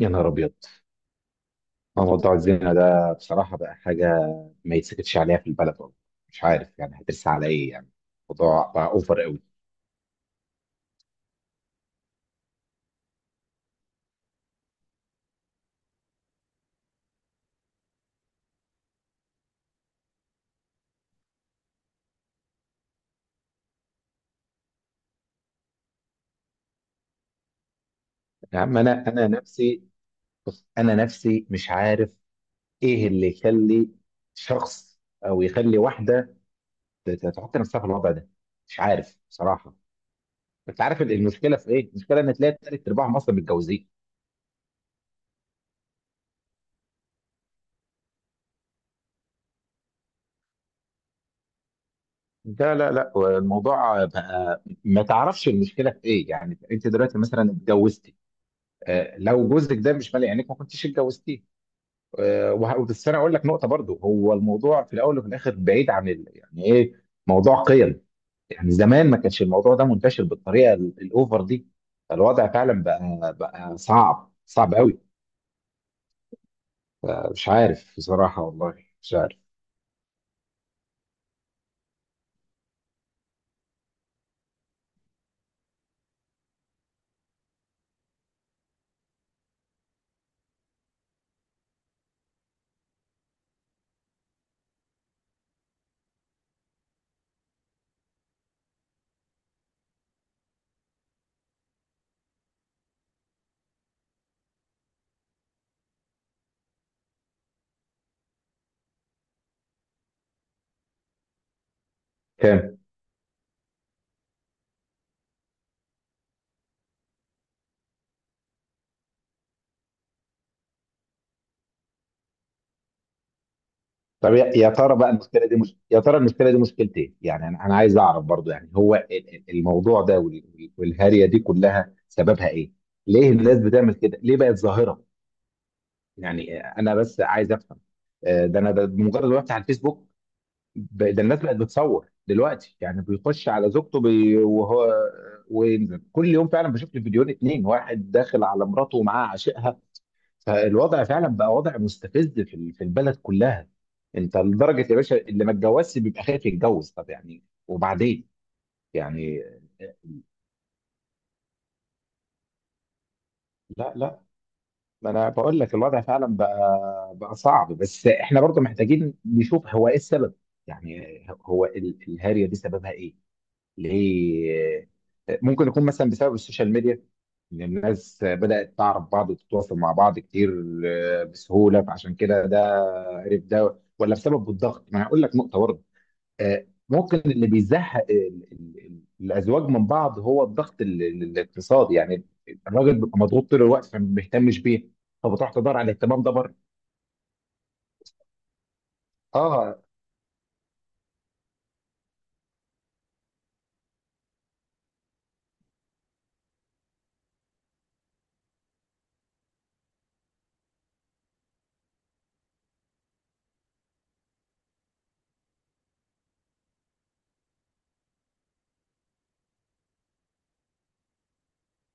يا نهار ابيض. موضوع الزنا ده بصراحه بقى حاجه ما يتسكتش عليها في البلد والله. مش عارف يعني هترسى على ايه يعني. الموضوع بقى اوفر قوي. يا عم، انا نفسي. بص، انا نفسي مش عارف ايه اللي يخلي شخص او يخلي واحده تحط نفسها في الوضع ده. مش عارف بصراحه. انت عارف المشكله في ايه؟ المشكله ان تلاقي تلات ارباعهم اصلا متجوزين. لا لا لا، الموضوع بقى ما تعرفش المشكله في ايه. يعني انت دلوقتي مثلا اتجوزت، آه، لو جوزك ده مش مالي عينك ما كنتيش اتجوزتيه. آه، وبس انا اقول لك نقطه برضو، هو الموضوع في الاول وفي الاخر بعيد عن يعني ايه، موضوع قيم. يعني زمان ما كانش الموضوع ده منتشر بالطريقه الاوفر دي. الوضع فعلا بقى صعب صعب قوي. آه، مش عارف بصراحه والله. مش عارف. كام؟ طب يا ترى بقى المشكله دي مش... يا ترى المشكله دي مشكلتين ايه. يعني أنا عايز اعرف برضو. يعني هو الموضوع ده والهارية دي كلها سببها ايه؟ ليه الناس بتعمل كده؟ ليه بقت ظاهره؟ يعني انا بس عايز افهم. آه، ده انا بمجرد ما بفتح الفيسبوك. ده الناس بقت بتصور دلوقتي. يعني بيخش على زوجته بي وهو وينزل كل يوم. فعلا بشوف لي فيديوهين اتنين، واحد داخل على مراته ومعاه عاشقها. فالوضع فعلا بقى وضع مستفز، في البلد كلها. انت لدرجه يا باشا اللي ما اتجوزش بيبقى خايف يتجوز. طب يعني وبعدين يعني. آه، لا لا، ما انا بقول لك الوضع فعلا بقى صعب. بس احنا برضه محتاجين نشوف هو ايه السبب. يعني هو الهارية دي سببها ايه؟ ليه؟ ممكن يكون مثلا بسبب السوشيال ميديا، ان الناس بدأت تعرف بعض وتتواصل مع بعض كتير بسهولة. فعشان كده ده عرف ده، ولا بسبب الضغط؟ ما أنا هقول لك نقطة برضه. ممكن اللي بيزهق ال- الازواج من بعض هو الضغط الاقتصادي. يعني الراجل بيبقى مضغوط طول الوقت فما بيهتمش بيه، فبتروح تدور على الاهتمام ده بره. اه.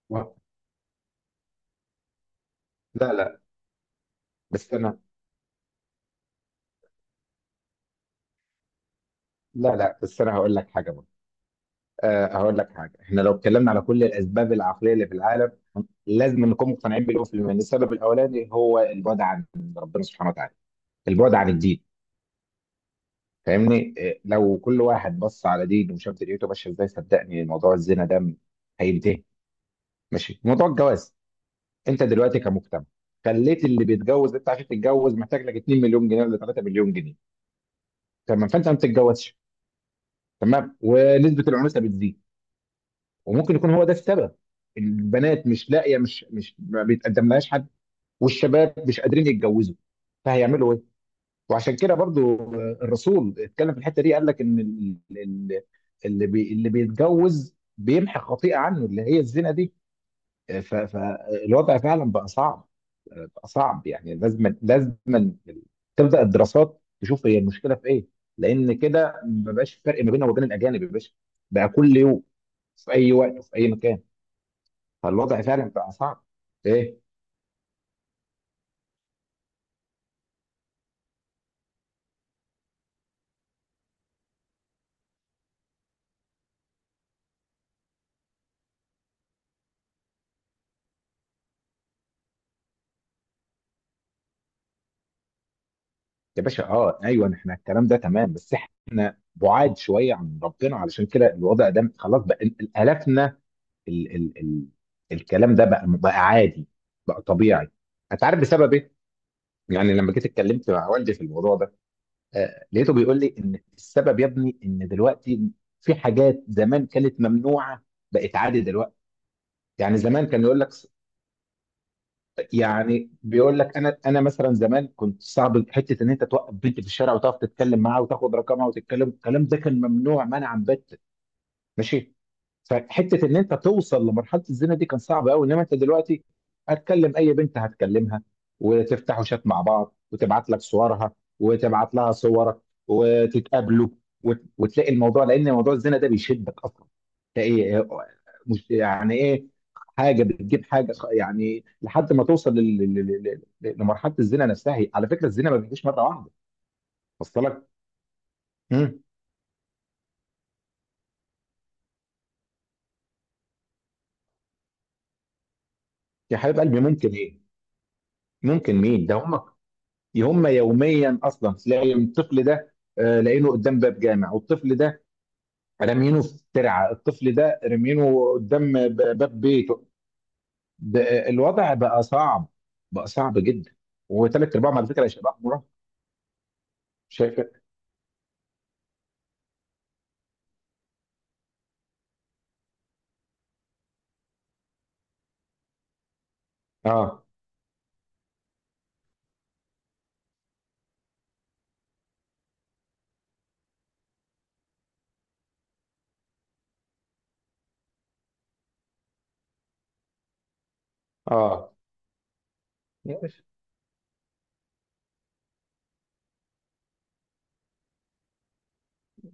و- لا لا، بس انا، لا لا، بس انا هقول لك حاجه برضه. آه، هقول لك حاجه. احنا لو اتكلمنا على كل الاسباب العقليه اللي في العالم، لازم نكون مقتنعين بالاول في المعنى. السبب الاولاني هو البعد عن ربنا سبحانه وتعالى، البعد عن الدين. فاهمني إيه، لو كل واحد بص على دينه وشاف دنيته ماشيه ازاي، صدقني موضوع الزنا ده هينتهي. ماشي. موضوع الجواز، انت دلوقتي كمجتمع خليت اللي بيتجوز، انت عشان تتجوز محتاج لك 2 مليون جنيه ولا 3 مليون جنيه. تمام، فانت ما بتتجوزش. تمام، ونسبه العنوسه بتزيد، وممكن يكون هو ده السبب. البنات مش لاقيه، مش ما بيتقدم لهاش حد، والشباب مش قادرين يتجوزوا، فهيعملوا ايه؟ وعشان كده برضو الرسول اتكلم في الحته دي، قال لك ان اللي بيتجوز بيمحي خطيئه عنه، اللي هي الزنا دي. فالوضع فعلا بقى صعب، بقى صعب. يعني لازم لازم تبدا الدراسات تشوف هي المشكله في ايه. لان كده ما بقاش فرق ما بيننا وبين الاجانب يا باشا. بقى كل يوم، في اي وقت وفي اي مكان. فالوضع فعلا بقى صعب. ايه؟ يا باشا اه ايوه، احنا الكلام ده تمام، بس احنا بعاد شويه عن ربنا. علشان كده الوضع ده خلاص بقى الافنا، ال ال ال الكلام ده بقى عادي، بقى طبيعي. انت عارف بسبب ايه؟ يعني لما جيت اتكلمت مع والدي في الموضوع ده، آه لقيته بيقول لي ان السبب يا ابني ان دلوقتي في حاجات زمان كانت ممنوعه بقت عادي دلوقتي. يعني زمان كان يقول لك يعني بيقول لك، انا مثلا زمان كنت صعب حته ان انت توقف بنت في الشارع وتقف تتكلم معاها وتاخد رقمها، وتتكلم الكلام ده كان ممنوع منعا باتا. ماشي. فحته ان انت توصل لمرحله الزنا دي كان صعب قوي. انما انت دلوقتي، هتكلم اي بنت هتكلمها، وتفتحوا شات مع بعض، وتبعت لك صورها وتبعت لها صورك، وتتقابلوا، وتلاقي الموضوع، لان موضوع الزنا ده بيشدك اصلا. تلاقي مش يعني ايه، حاجه بتجيب حاجه يعني لحد ما توصل لمرحله الزنا نفسها. على فكره الزنا ما بيجيش مره واحده. وصل لك. مم. يا حبيب قلبي ممكن ايه؟ ممكن مين ده؟ هم، هم يوميا اصلا تلاقي الطفل ده لاقينه قدام باب جامع، والطفل ده رامينه في ترعه، الطفل ده رامينه قدام باب بيته. ب- الوضع بقى صعب، بقى صعب جدا. وثلاث ارباعهم على فكره شباب مراهقه. شايف؟ اه، اه، يا باشا،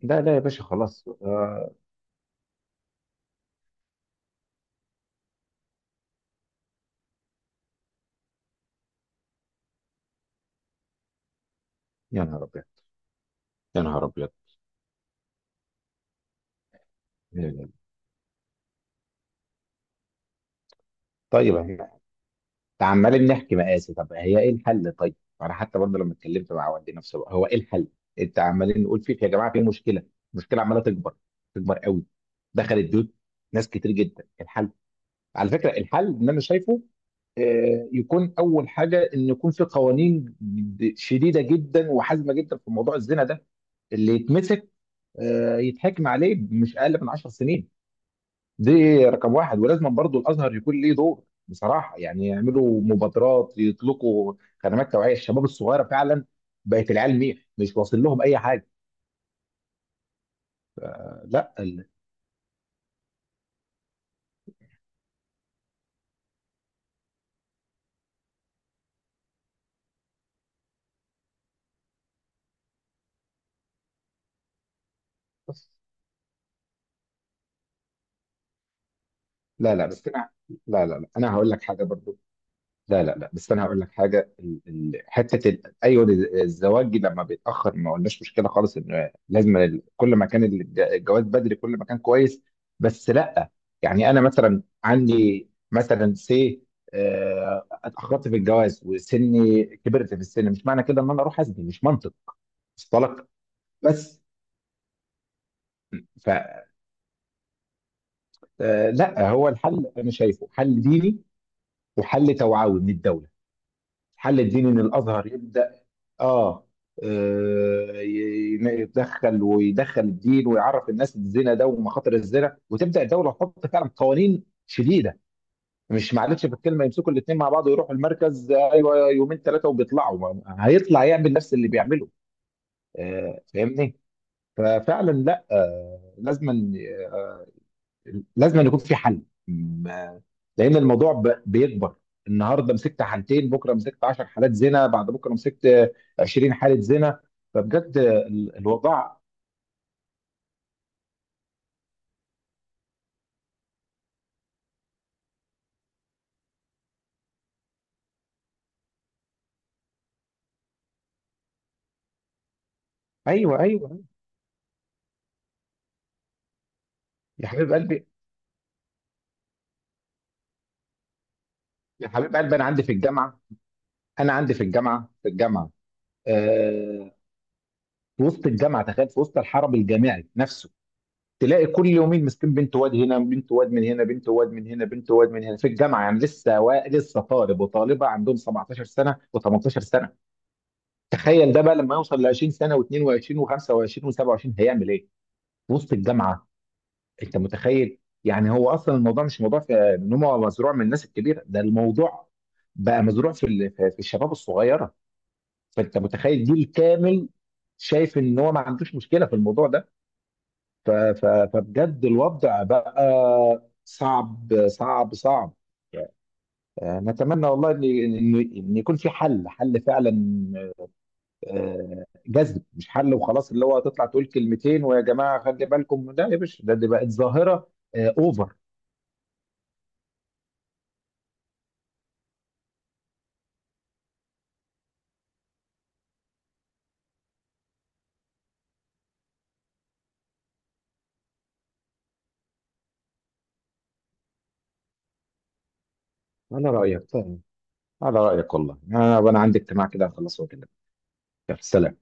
لا لا، يا باشا خلاص، آه. يا نهار ابيض، يا نهار ابيض. طيب، عمالين نحكي مقاسي، طب هي ايه الحل؟ طيب انا حتى برضه لما اتكلمت مع والدي نفسه بقى، هو ايه الحل؟ انت عمالين نقول فيك يا جماعه في مشكله، المشكله عماله تكبر، تكبر قوي، دخلت بيوت ناس كتير جدا. الحل، على فكره الحل اللي انا شايفه، يكون اول حاجه ان يكون في قوانين شديده جدا وحازمه جدا في موضوع الزنا ده. اللي يتمسك يتحكم عليه مش اقل من 10 سنين. دي رقم واحد. ولازم برضو الازهر يكون ليه دور بصراحه، يعني يعملوا مبادرات، يطلقوا خدمات توعيه الشباب الصغيره. فعلا بقت العيال ميح، مش واصل لهم اي حاجه. لا لا لا، بس انا، لا لا لا، انا هقول لك حاجه برضو. لا لا لا، بس انا هقول لك حاجه. حته ايوه الزواج لما بيتاخر ما قلناش مشكله خالص، ان لازم كل ما كان الجواز بدري كل ما كان كويس. بس لا، يعني انا مثلا عندي مثلا سي، اتاخرت في الجواز وسني كبرت في السن، مش معنى كده ان انا اروح ازني. مش منطق. مصطلح. بس فلا، هو الحل انا شايفه حل ديني وحل توعوي من الدوله. الحل الديني ان الازهر يبدا. اه. آه، يدخل ويدخل الدين، ويعرف الناس الزنا ده ومخاطر الزنا. وتبدا الدوله تحط فعلا قوانين شديده، مش معلش في الكلمه يمسكوا الاثنين مع بعض ويروحوا المركز ايوه يومين ثلاثه وبيطلعوا هيطلع يعمل نفس اللي بيعمله. آه، فاهمني؟ ففعلا لا، لازما، لازم أن يكون في حل، لان الموضوع بيكبر. النهارده مسكت حالتين، بكره مسكت 10 حالات زنا، بعد بكره مسكت 20 حاله زنا. فبجد الوضع. ايوه ايوه يا حبيب قلبي. يا حبيب قلبي انا عندي في الجامعه انا عندي في الجامعه في الجامعه. آه في وسط الجامعه، تخيل، في وسط الحرم الجامعي نفسه تلاقي كل يومين مسكين بنت واد هنا، بنت واد من هنا، بنت واد من هنا، بنت واد من هنا في الجامعه. يعني لسه لسه طالب وطالبه عندهم 17 سنه و18 سنه. تخيل ده بقى لما يوصل ل 20 سنه و22 و25 و27 هيعمل ايه؟ في وسط الجامعه، انت متخيل؟ يعني هو اصلا الموضوع مش موضوع في ان هو مزروع من الناس الكبيره، ده الموضوع بقى مزروع في ال- في في الشباب الصغيره. فانت متخيل جيل كامل شايف ان هو ما عندوش مشكله في الموضوع ده. ف- ف- فبجد الوضع بقى صعب صعب صعب. نتمنى والله ان إن يكون في حل، حل فعلا. جذب مش حل وخلاص، اللي هو هتطلع تقول كلمتين ويا جماعه خلي بالكم. لا يا باشا، دي بقت ظاهره اوفر. على رايك فاهم. على رايك والله، انا عندي اجتماع كده هخلصه وأكلمك. يلا سلام.